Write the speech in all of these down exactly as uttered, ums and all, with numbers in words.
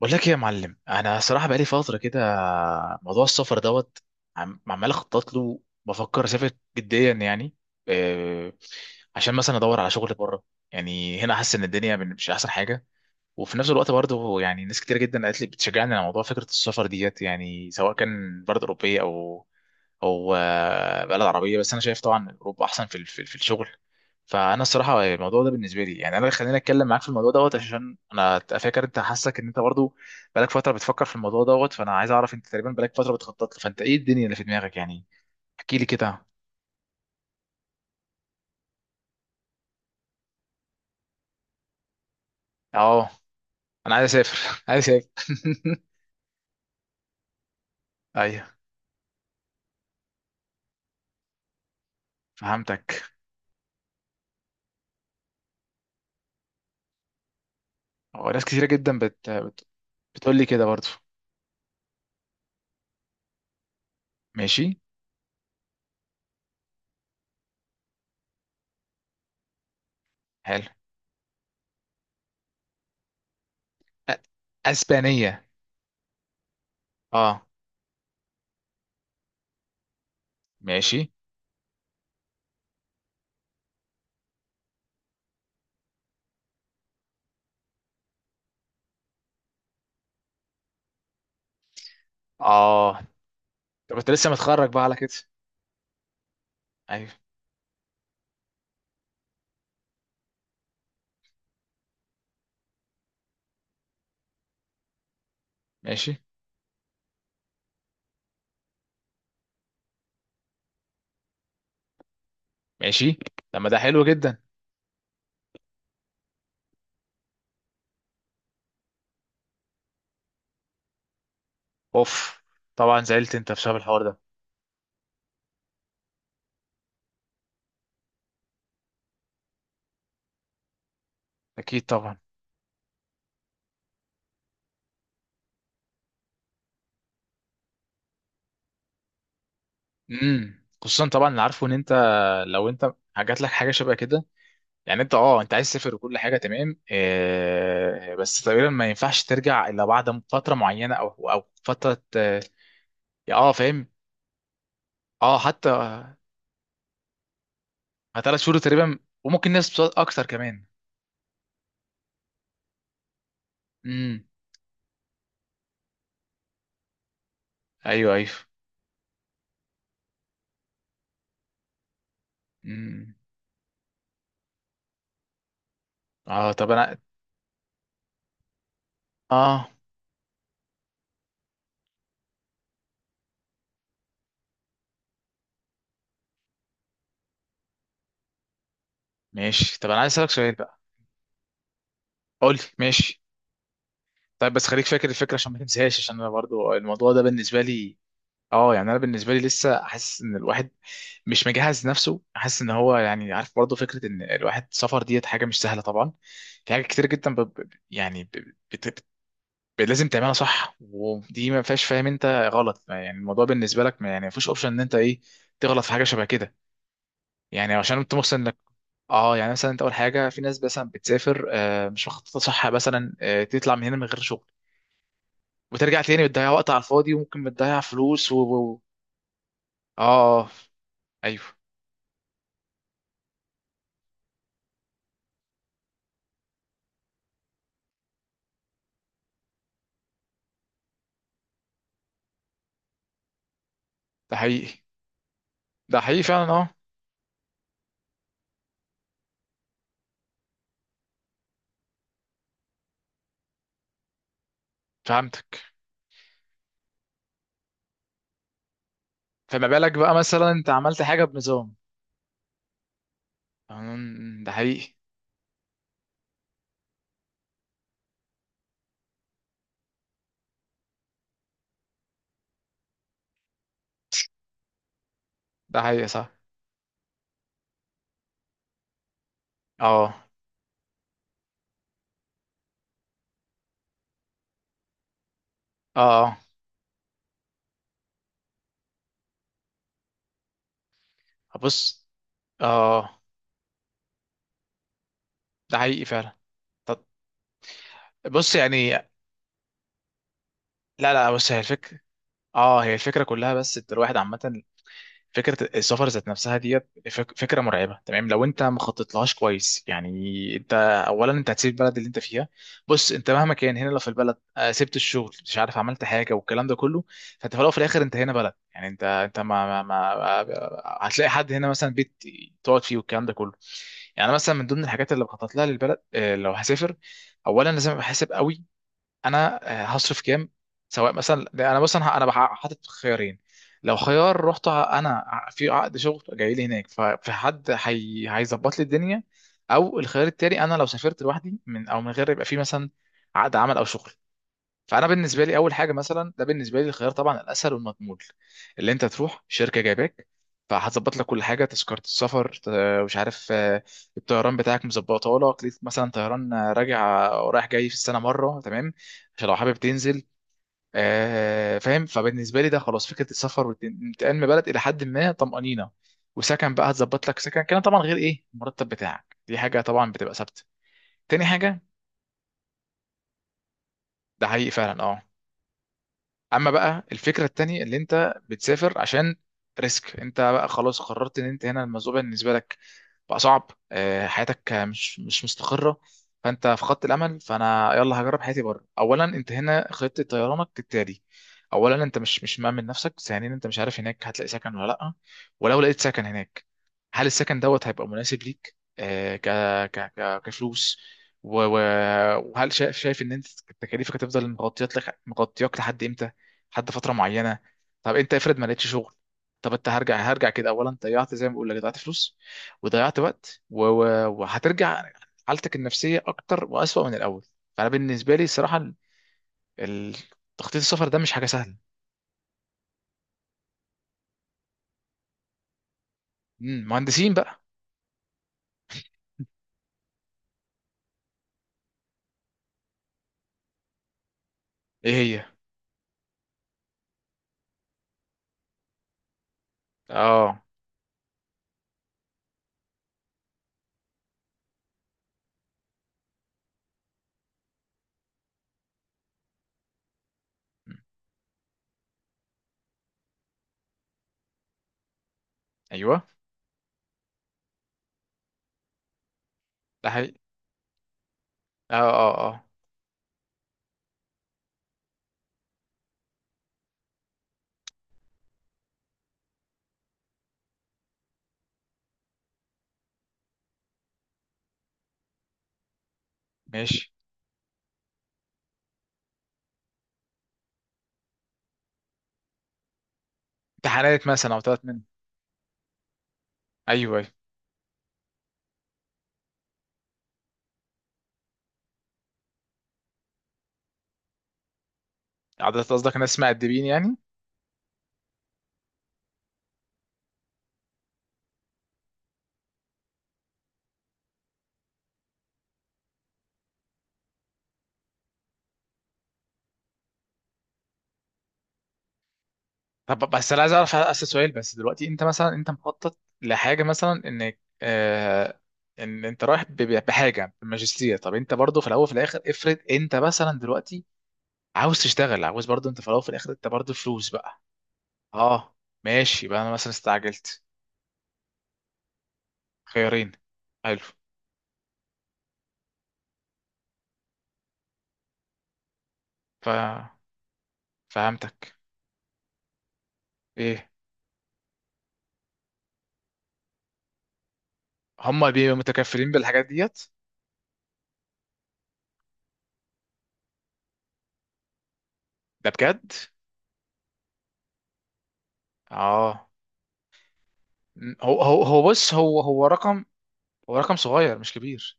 بقول لك ايه يا معلم؟ انا صراحه بقالي فتره كده موضوع السفر دوت. عم- عمال اخطط له، بفكر اسافر جديا يعني. آه، عشان مثلا ادور على شغل بره. يعني هنا حاسس ان الدنيا من- مش احسن حاجه. وفي نفس الوقت برضه، يعني ناس كتير جدا قالت لي، بتشجعني على موضوع فكره السفر ديت، يعني سواء كان بلد اوروبيه او او آه، بلد عربيه. بس انا شايف طبعا اوروبا احسن في ال- في ال- في الشغل. فانا الصراحه الموضوع ده بالنسبه لي، يعني انا اللي خليني اتكلم معاك في الموضوع دوت، عشان انا فاكر انت حاسك ان انت برضه بقالك فتره بتفكر في الموضوع دوت. فانا عايز اعرف، انت تقريبا بقالك فتره بتخطط له، فانت ايه الدنيا اللي في دماغك يعني؟ احكي لي كده. اه، انا عايز اسافر عايز اسافر ايوه. فهمتك. هو ناس كتيره جدا بت بت- بتقول لي كده برضو. ماشي. حلو. أ- اسبانيه؟ اه. ماشي. اه، طب انت لسه متخرج بقى على كده؟ ايوه. ماشي. ماشي. طب ما ده حلو جدا. اوف. طبعا زعلت انت بسبب الحوار ده. اكيد طبعا. امم، خصوصا طبعا اللي عارفه ان انت لو انت جات لك حاجه شبه كده. يعني انت اه، انت عايز تسافر وكل حاجه تمام آه، بس تقريبا ما ينفعش ترجع الا بعد فتره معينه او او فتره اه، آه، فاهم. اه، حتى ثلاث شهور تقريبا، وممكن ناس بتقعد اكتر كمان. امم. ايوه، ايوه. امم. اه، طب انا اه ماشي، طب انا عايز اسالك سؤال بقى. قول لي ماشي. طيب بس خليك فاكر الفكره عشان ما تنساهاش، عشان انا برضو الموضوع ده بالنسبه لي اه. يعني انا بالنسبه لي لسه حاسس ان الواحد مش مجهز نفسه، حاسس ان هو يعني عارف برضو فكره ان الواحد سفر ديت حاجه مش سهله طبعا. في حاجات كتير جدا ب... ب- يعني ب... بت... بت... لازم تعملها صح، ودي ما فيهاش فاهم انت غلط. يعني الموضوع بالنسبه لك ما يعني ما فيش اوبشن ان انت ايه، تغلط في حاجه شبه كده، يعني عشان انت محسن. اه، يعني مثلا انت اول حاجه في ناس مثلا بتسافر آه، مش مخططه صح، مثلا آه، تطلع من هنا من غير شغل وترجع تاني، بتضيع وقت على الفاضي، وممكن بتضيع فلوس و... و... اه. آه، ايوه، ده حقيقي. ده حقيقي فعلا اه. فهمتك. فما بالك بقى مثلا انت عملت حاجه بنظام. أمم، ده حقيقي. ده حقيقي صح. اه، اه. آه. بص. اه، ده حقيقي فعلا. طب بص يعني، لا، لا، بص هي الفكره. اه، هي الفكره كلها، بس انت الواحد عامه فكره السفر ذات نفسها ديت فك- فكره مرعبه تمام لو انت ما خططتلهاش كويس. يعني انت اولا انت هتسيب البلد اللي انت فيها. بص، انت مهما كان هنا لو في البلد، آه، سبت الشغل، مش عارف عملت حاجه والكلام ده كله، فانت في الاول وفي الاخر انت هنا بلد، يعني انت انت ما, ما, ما آه، هتلاقي حد هنا مثلا بيت تقعد فيه والكلام ده كله. يعني مثلا من ضمن الحاجات اللي بخطط لها للبلد، آه، لو هسافر، اولا لازم احسب قوي انا آه، هصرف كام، سواء مثلا. لا، انا مثلا ه- انا بح- حاطط خيارين. لو خيار رحت ع- انا ع- في عقد شغل جاي لي هناك، ففي حد هي... هيظبط لي الدنيا. او الخيار التاني، انا لو سافرت لوحدي من او من غير يبقى في مثلا عقد عمل او شغل. فانا بالنسبه لي اول حاجه، مثلا ده بالنسبه لي الخيار طبعا الاسهل والمضمون اللي انت تروح شركه جايباك، فهتظبط لك كل حاجه، تذكره السفر آه، مش عارف، آه، الطيران بتاعك مظبطه لك ليك، مثلا طيران آه، راجع ورايح جاي في السنه مره تمام، عشان لو حابب تنزل، آه، فاهم. فبالنسبه لي ده خلاص فكره السفر والانتقال من بلد الى حد ما طمانينه. وسكن بقى هتظبط لك سكن كده طبعا، غير ايه المرتب بتاعك دي حاجه طبعا بتبقى ثابته. تاني حاجه، ده حقيقي فعلا اه. اما بقى الفكره التانية اللي انت بتسافر عشان ريسك، انت بقى خلاص قررت ان انت هنا الموضوع بالنسبه لك بقى صعب، آه، حياتك مش مش مستقره، فانت فقدت الامل، فانا يلا هجرب حياتي بره. اولا انت هنا خطه طيرانك كالتالي، اولا انت مش مش مأمن نفسك، ثانيا انت مش عارف هناك هتلاقي سكن ولا لا. ولو لقيت سكن هناك هل السكن دوت هيبقى مناسب ليك، آه، ك ك ك- كفلوس؟ و- و- وهل شايف، شايف ان انت تكاليفك هتفضل مغطيات لك مغطياك لحد امتى، لحد فتره معينه. طب انت افرض ما لقيتش شغل؟ طب انت هرجع، هرجع كده، اولا ضيعت، زي ما بقول لك ضيعت فلوس وضيعت وقت و- و- وهترجع حالتك النفسيه اكتر واسوأ من الاول. فانا بالنسبه لي الصراحه ال- ال- تخطيط السفر ده مش حاجه سهله. مم، مهندسين بقى. ايه هي؟ اه. مم، ايوه، ده حقيقي. اه، اه، اه. ماشي. امتحانات مثلا او ثلاث من؟ ايوه. أيوة. عدد قصدك ناس مؤدبين يعني؟ طب بس انا عايز اعرف، اسال سؤال بس دلوقتي، انت مثلا انت مخطط لحاجه مثلا انك آه، ان انت رايح ب- ب- بحاجه بماجستير، طب انت برضو في الاول وفي الاخر افرض انت مثلا دلوقتي عاوز تشتغل، عاوز برضو انت في الاول وفي الاخر انت برضو فلوس بقى. اه. ماشي بقى، انا مثلا استعجلت. خيارين. حلو. ف فهمتك. ايه؟ هما بيبقوا متكفلين بالحاجات ديت؟ ده بجد؟ اه. هو هو هو بص، هو هو رقم، هو رقم صغير مش كبير.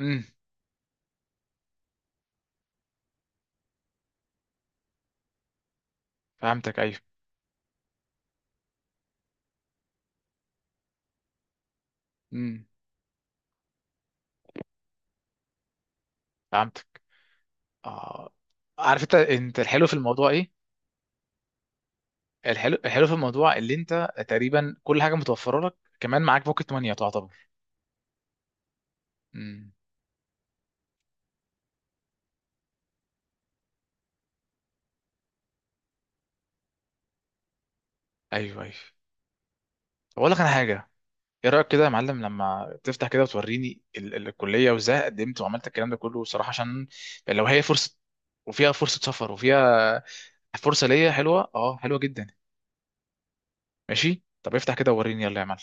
امم. فهمتك، ايوه. امم. فهمتك. اه، عارف انت انت الحلو في الموضوع ايه، الحلو الحلو في الموضوع اللي انت تقريبا كل حاجه متوفره لك، كمان معاك بوكيت مانيا تعتبر. امم. ايوه، ايوه. اقول لك انا حاجه، ايه رايك كده يا معلم لما تفتح كده وتوريني ال ال الكليه وازاي قدمت وعملت الكلام ده كله صراحه، عشان لو هي فرصه وفيها فرصه سفر وفيها فرصه ليا حلوه اه حلوه جدا. ماشي، طب افتح كده ووريني يلا يا معلم.